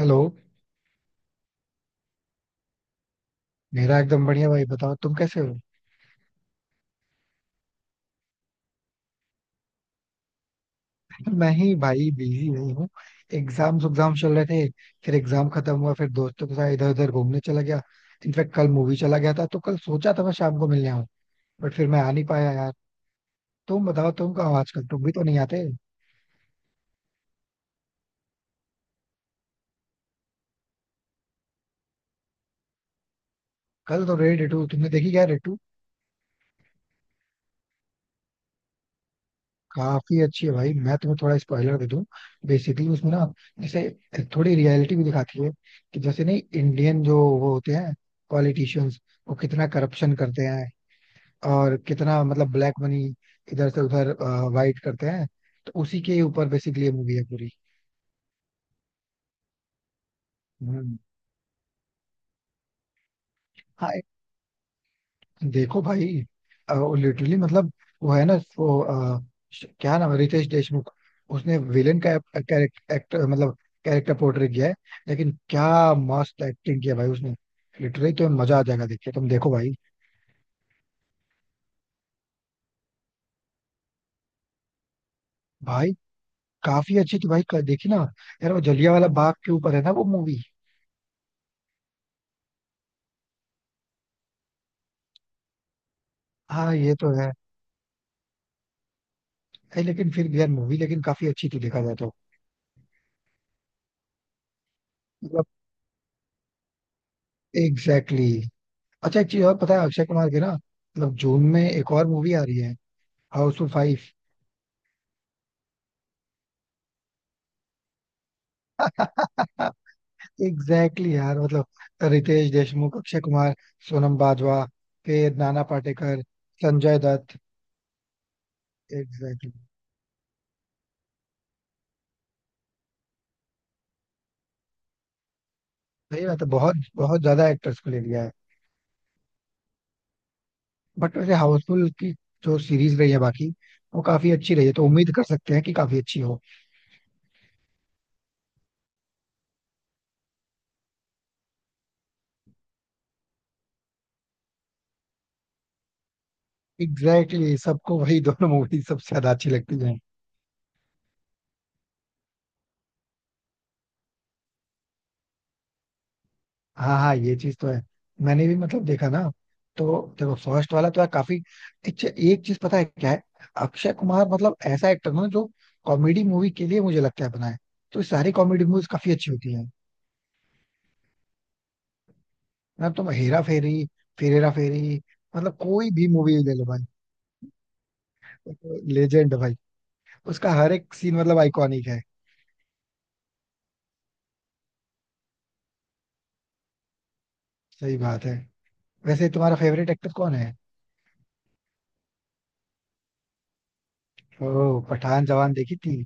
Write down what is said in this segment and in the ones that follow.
Hello. मेरा एकदम बढ़िया भाई. बताओ तुम कैसे हो. मैं ही भाई बिजी हुई हूँ. एग्जाम चल रहे थे. फिर एग्जाम खत्म हुआ, फिर दोस्तों के साथ इधर उधर घूमने चला गया. इनफैक्ट कल मूवी चला गया था, तो कल सोचा था मैं शाम को मिलने आऊँ, बट फिर मैं आ नहीं पाया यार. तुम बताओ तुम कहाँ हो आजकल, तुम भी तो नहीं आते. कल तो रेड 2, तुमने देखी क्या रेड 2? काफी अच्छी है भाई, मैं तुम्हें थोड़ा स्पॉइलर दे दूं. बेसिकली उसमें ना, जैसे थोड़ी रियलिटी भी दिखाती है, कि जैसे नहीं इंडियन जो वो होते हैं, पॉलिटिशियंस, वो कितना करप्शन करते हैं और कितना मतलब ब्लैक मनी इधर से उधर वाइट करते हैं. तो उसी के ऊपर बेसिकली ये मूवी है पूरी. हम्म. हाँ, देखो भाई, लिटरली मतलब वो है ना वो क्या नाम है, रितेश देशमुख, उसने विलेन का कैरेक्टर मतलब कैरेक्टर पोर्ट्रे किया है. लेकिन क्या मस्त एक्टिंग किया भाई उसने. लिटरली तो मजा आ जाएगा, देखिए तुम देखो भाई. भाई काफी अच्छी थी भाई, देखी ना. यार वो जलिया वाला बाग के ऊपर है ना वो मूवी. हाँ ये तो है. नहीं लेकिन फिर भी यार मूवी लेकिन काफी अच्छी थी देखा जाए तो. मतलब एग्जैक्टली exactly. अच्छा एक चीज और पता है, अक्षय कुमार की ना मतलब जून में एक और मूवी आ रही है, हाउसफुल 5. एग्जैक्टली. यार मतलब रितेश देशमुख, अक्षय कुमार, सोनम बाजवा, फिर नाना पाटेकर, संजय दत्त. एग्जैक्टली. सही बात है, बहुत बहुत ज्यादा एक्टर्स को ले लिया है. बट वैसे हाउसफुल की जो सीरीज रही है बाकी, वो काफी अच्छी रही है, तो उम्मीद कर सकते हैं कि काफी अच्छी हो. एग्जैक्टली, सबको वही दोनों मूवी सबसे ज्यादा अच्छी लगती है. हाँ हाँ, ये चीज तो है. मैंने भी मतलब देखा ना, तो देखो फर्स्ट वाला तो यार काफी. एक चीज पता है क्या है, अक्षय कुमार मतलब ऐसा एक्टर ना जो कॉमेडी मूवी के लिए मुझे लगता है बना है. तो सारी कॉमेडी मूवीज काफी अच्छी होती है ना. तुम हेरा फेरी, फिर हेरा फेरी, मतलब कोई भी मूवी ले लो भाई, लेजेंड है भाई. उसका हर एक सीन मतलब आइकॉनिक है. सही बात है. वैसे तुम्हारा फेवरेट एक्टर कौन है. ओ, पठान जवान देखी थी.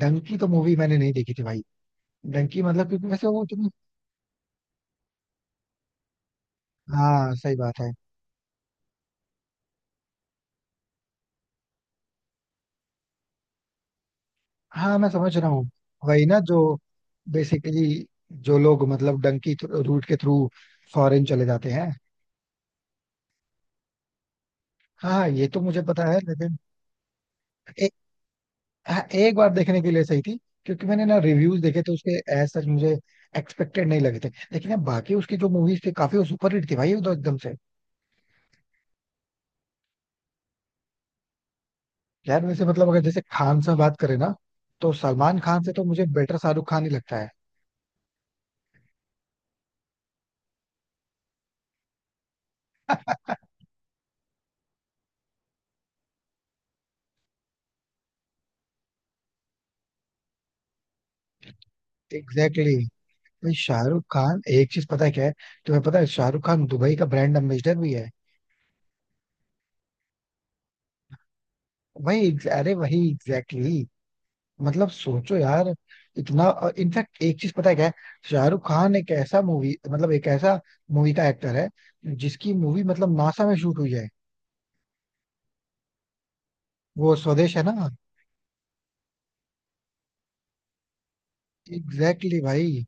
डंकी तो मूवी मैंने नहीं देखी थी भाई. डंकी मतलब क्योंकि वैसे वो तुम. हाँ सही बात है. हाँ मैं समझ रहा हूँ. वही ना जो बेसिकली जो लोग मतलब डंकी रूट के थ्रू फॉरेन चले जाते हैं. हाँ ये तो मुझे पता है लेकिन ए, हाँ, एक बार देखने के लिए सही थी. क्योंकि मैंने ना रिव्यूज देखे थे उसके, एज सच मुझे एक्सपेक्टेड नहीं लगे थे. लेकिन अब बाकी उसकी जो मूवीज थी काफी सुपर हिट थी भाई, वो तो एकदम से. यार वैसे मतलब अगर जैसे खान से बात करें ना, तो सलमान खान से तो मुझे बेटर शाहरुख खान ही लगता है. एग्जैक्टली. भाई शाहरुख खान एक चीज पता है क्या है, तुम्हें पता है शाहरुख खान दुबई का ब्रांड एम्बेसडर भी है. वही, अरे वही एग्जैक्टली exactly. मतलब सोचो यार, इतना. इनफैक्ट एक चीज पता है क्या है, शाहरुख खान एक ऐसा मूवी मतलब एक ऐसा मूवी का एक्टर है, जिसकी मूवी मतलब नासा में शूट हुई है. वो स्वदेश है ना. एग्जैक्टली भाई,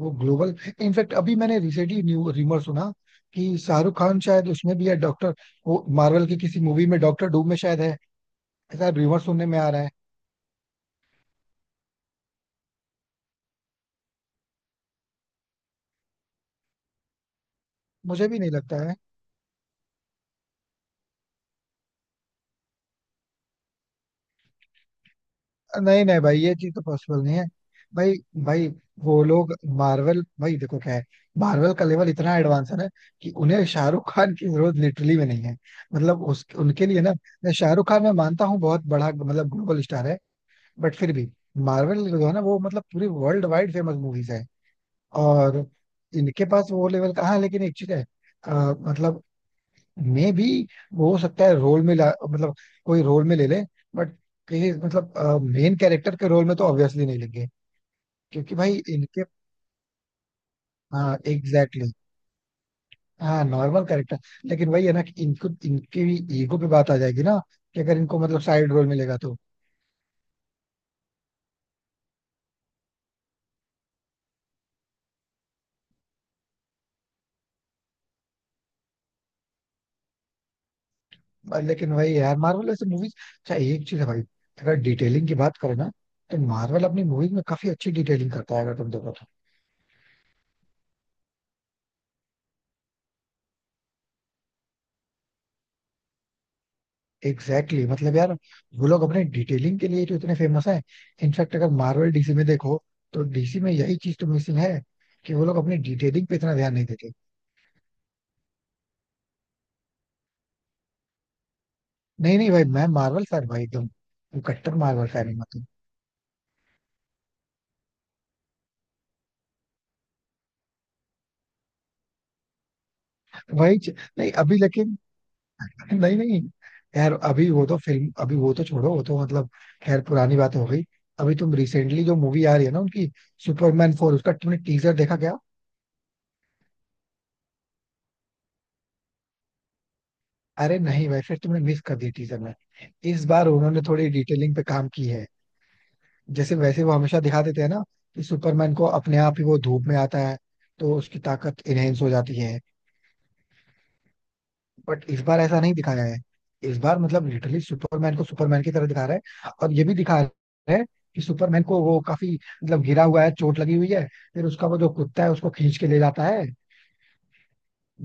वो ग्लोबल. इनफैक्ट अभी मैंने रिसेंटली न्यू रिमर सुना कि शाहरुख खान शायद उसमें भी है डॉक्टर, वो मार्वल की किसी मूवी में डॉक्टर डूम में शायद है. ऐसा रिमर सुनने में आ रहा है. मुझे भी नहीं लगता है. नहीं नहीं भाई, ये चीज तो पॉसिबल नहीं है भाई. भाई वो लोग मार्वल, भाई देखो क्या है, मार्वल का लेवल इतना एडवांस है ना, कि उन्हें शाहरुख खान की जरूरत लिटरली में नहीं है. मतलब उस उनके लिए ना, मैं शाहरुख खान मैं मानता हूँ बहुत बड़ा मतलब ग्लोबल स्टार है, बट फिर भी मार्वल जो है ना वो मतलब पूरी वर्ल्ड वाइड फेमस मूवीज है और इनके पास वो लेवल का. हाँ लेकिन एक चीज है, अ, मतलब मे भी हो सकता है रोल में मतलब कोई रोल में ले ले, बट कहीं मतलब मेन कैरेक्टर के रोल में तो ऑब्वियसली नहीं लेंगे, क्योंकि भाई इनके. हाँ एग्जैक्टली, हाँ नॉर्मल कैरेक्टर. लेकिन वही है ना कि इनको इनकी भी ईगो पे बात आ जाएगी ना, कि अगर इनको मतलब साइड रोल मिलेगा तो. लेकिन वही यार मार्वल ऐसे मूवीज, अच्छा एक चीज है भाई, अगर डिटेलिंग की बात करें ना, तो मार्वल अपनी मूवीज में काफी अच्छी डिटेलिंग करता है अगर तुम देखो तो. Exactly exactly. मतलब यार, वो लोग अपने डिटेलिंग के लिए तो इतने फेमस हैं. इनफैक्ट अगर मार्वल डीसी में देखो, तो डीसी में यही चीज तो मिसिंग है, कि वो लोग अपनी डिटेलिंग पे इतना ध्यान नहीं देते. नहीं नहीं भाई, मैं मार्वल फैन भाई एकदम, वो कट्टर मार्वल फैन हूँ मतलब. भाई नहीं अभी लेकिन. नहीं नहीं यार, अभी वो तो फिल्म, अभी वो तो छोड़ो, वो तो मतलब खैर पुरानी बात हो गई. अभी तुम रिसेंटली जो मूवी आ रही है ना उनकी, सुपरमैन 4, उसका तुमने टीजर देखा क्या. अरे नहीं भाई, फिर तुमने मिस कर दी टीजर में. इस बार उन्होंने थोड़ी डिटेलिंग पे काम की है. जैसे वैसे वो हमेशा दिखा देते हैं ना, कि सुपरमैन को अपने आप ही वो धूप में आता है, तो उसकी ताकत इनहेंस हो जाती है. बट इस बार ऐसा नहीं दिखाया है. इस बार मतलब लिटरली सुपरमैन को सुपरमैन की तरह दिखा रहा है, और ये भी दिखा रहा है कि सुपरमैन को वो काफी मतलब घिरा हुआ है, चोट लगी हुई है. फिर उसका वो जो कुत्ता है उसको खींच के ले जाता है.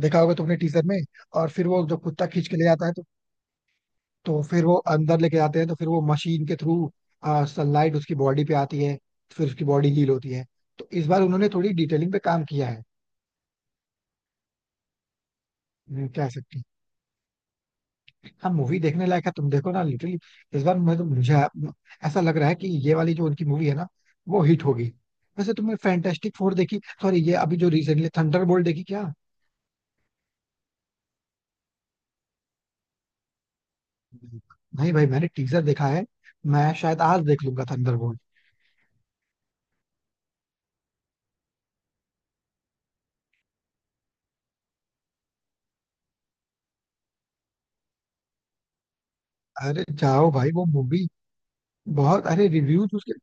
देखा होगा तुमने टीजर में. और फिर वो जो कुत्ता खींच के ले जाता है, तो फिर वो अंदर लेके जाते हैं, तो फिर वो मशीन के थ्रू सनलाइट उसकी बॉडी पे आती है, फिर उसकी बॉडी हील होती है. तो इस बार उन्होंने थोड़ी डिटेलिंग पे काम किया है. कह सकते हैं. हाँ मूवी देखने लायक है, तुम देखो ना लिटरली. इस बार मैं तो मुझे ऐसा लग रहा है कि ये वाली जो उनकी मूवी है ना, वो हिट होगी. वैसे तुमने फैंटास्टिक फोर देखी, सॉरी ये अभी जो रिसेंटली थंडरबोल्ट देखी क्या. नहीं भाई मैंने टीजर देखा है. मैं शायद आज देख लूंगा थंडरबोल्ट. अरे जाओ भाई वो मूवी, बहुत, अरे रिव्यूज उसके,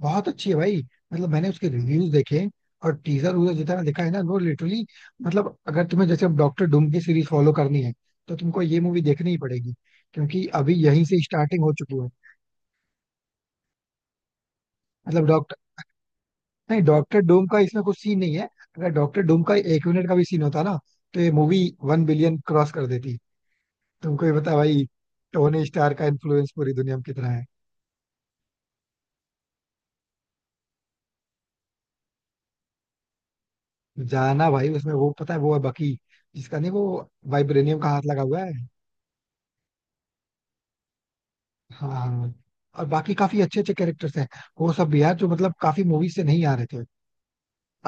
बहुत अच्छी है भाई. मतलब मैंने उसके रिव्यूज देखे और टीजर वूजर जितना देखा है ना वो लिटरली. मतलब अगर तुम्हें जैसे अब डॉक्टर डूम की सीरीज फॉलो करनी है, तो तुमको ये मूवी देखनी ही पड़ेगी क्योंकि अभी यहीं से स्टार्टिंग हो चुकी है. मतलब डॉक्टर, नहीं डॉक्टर डूम का इसमें कुछ सीन नहीं है. अगर डॉक्टर डूम का एक मिनट का भी सीन होता ना, तो ये मूवी 1 बिलियन क्रॉस कर देती. तुमको ये बता भाई, टोनी स्टार का इन्फ्लुएंस पूरी दुनिया में कितना है. जाना भाई, उसमें वो पता है वो है बकी, जिसका नहीं वो वाइब्रेनियम का हाथ लगा हुआ है. हाँ हाँ. और बाकी काफी अच्छे अच्छे कैरेक्टर्स हैं, वो सब भी यार जो मतलब काफी मूवीज से नहीं आ रहे थे,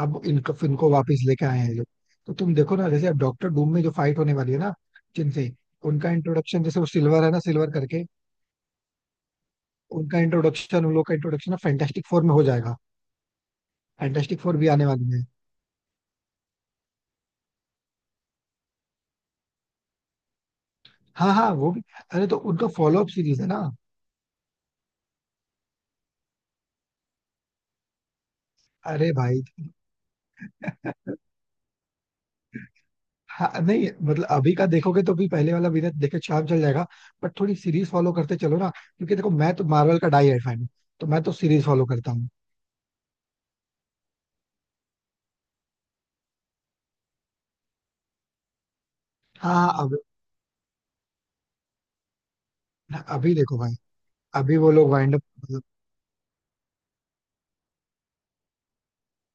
अब इनको इनको वापस लेके आए हैं ये लोग. तो तुम देखो ना जैसे अब डॉक्टर डूम में जो फाइट होने वाली है ना, जिनसे, उनका इंट्रोडक्शन जैसे वो सिल्वर है ना सिल्वर करके, उनका इंट्रोडक्शन उन लोग का इंट्रोडक्शन ना फैंटास्टिक फोर में हो जाएगा. फैंटास्टिक फोर भी आने वाली है. हाँ हाँ वो भी, अरे तो उनका फॉलो अप सीरीज है ना. अरे भाई, हाँ नहीं मतलब अभी का देखोगे तो भी पहले वाला विलेन देखे चार्म चल जाएगा, बट थोड़ी सीरीज फॉलो करते चलो ना क्योंकि देखो मैं तो मार्वल का डाई फैन हूँ, तो मैं तो सीरीज फॉलो करता हूँ. हाँ अब अभी देखो भाई, अभी वो लोग वाइंड अप.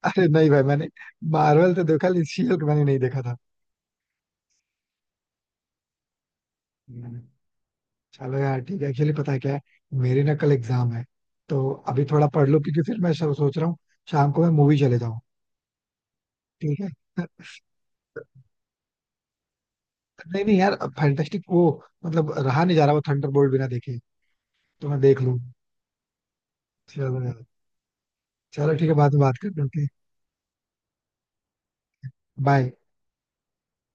अरे नहीं भाई मैंने मार्वल तो देखा लेकिन शील्ड मैंने नहीं देखा था. हम्म, चलो यार ठीक है. एक्चुअली पता है क्या है, मेरे ना कल एग्जाम है, तो अभी थोड़ा पढ़ लो क्योंकि फिर मैं सोच रहा हूँ शाम को मैं मूवी चले जाऊँ. ठीक है, नहीं नहीं यार फैंटास्टिक वो, मतलब रहा नहीं जा रहा वो थंडरबोल्ट बिना देखे, तो मैं देख लूँ. चलो यार, चलो ठीक है बाद में बात करते हैं. बाय.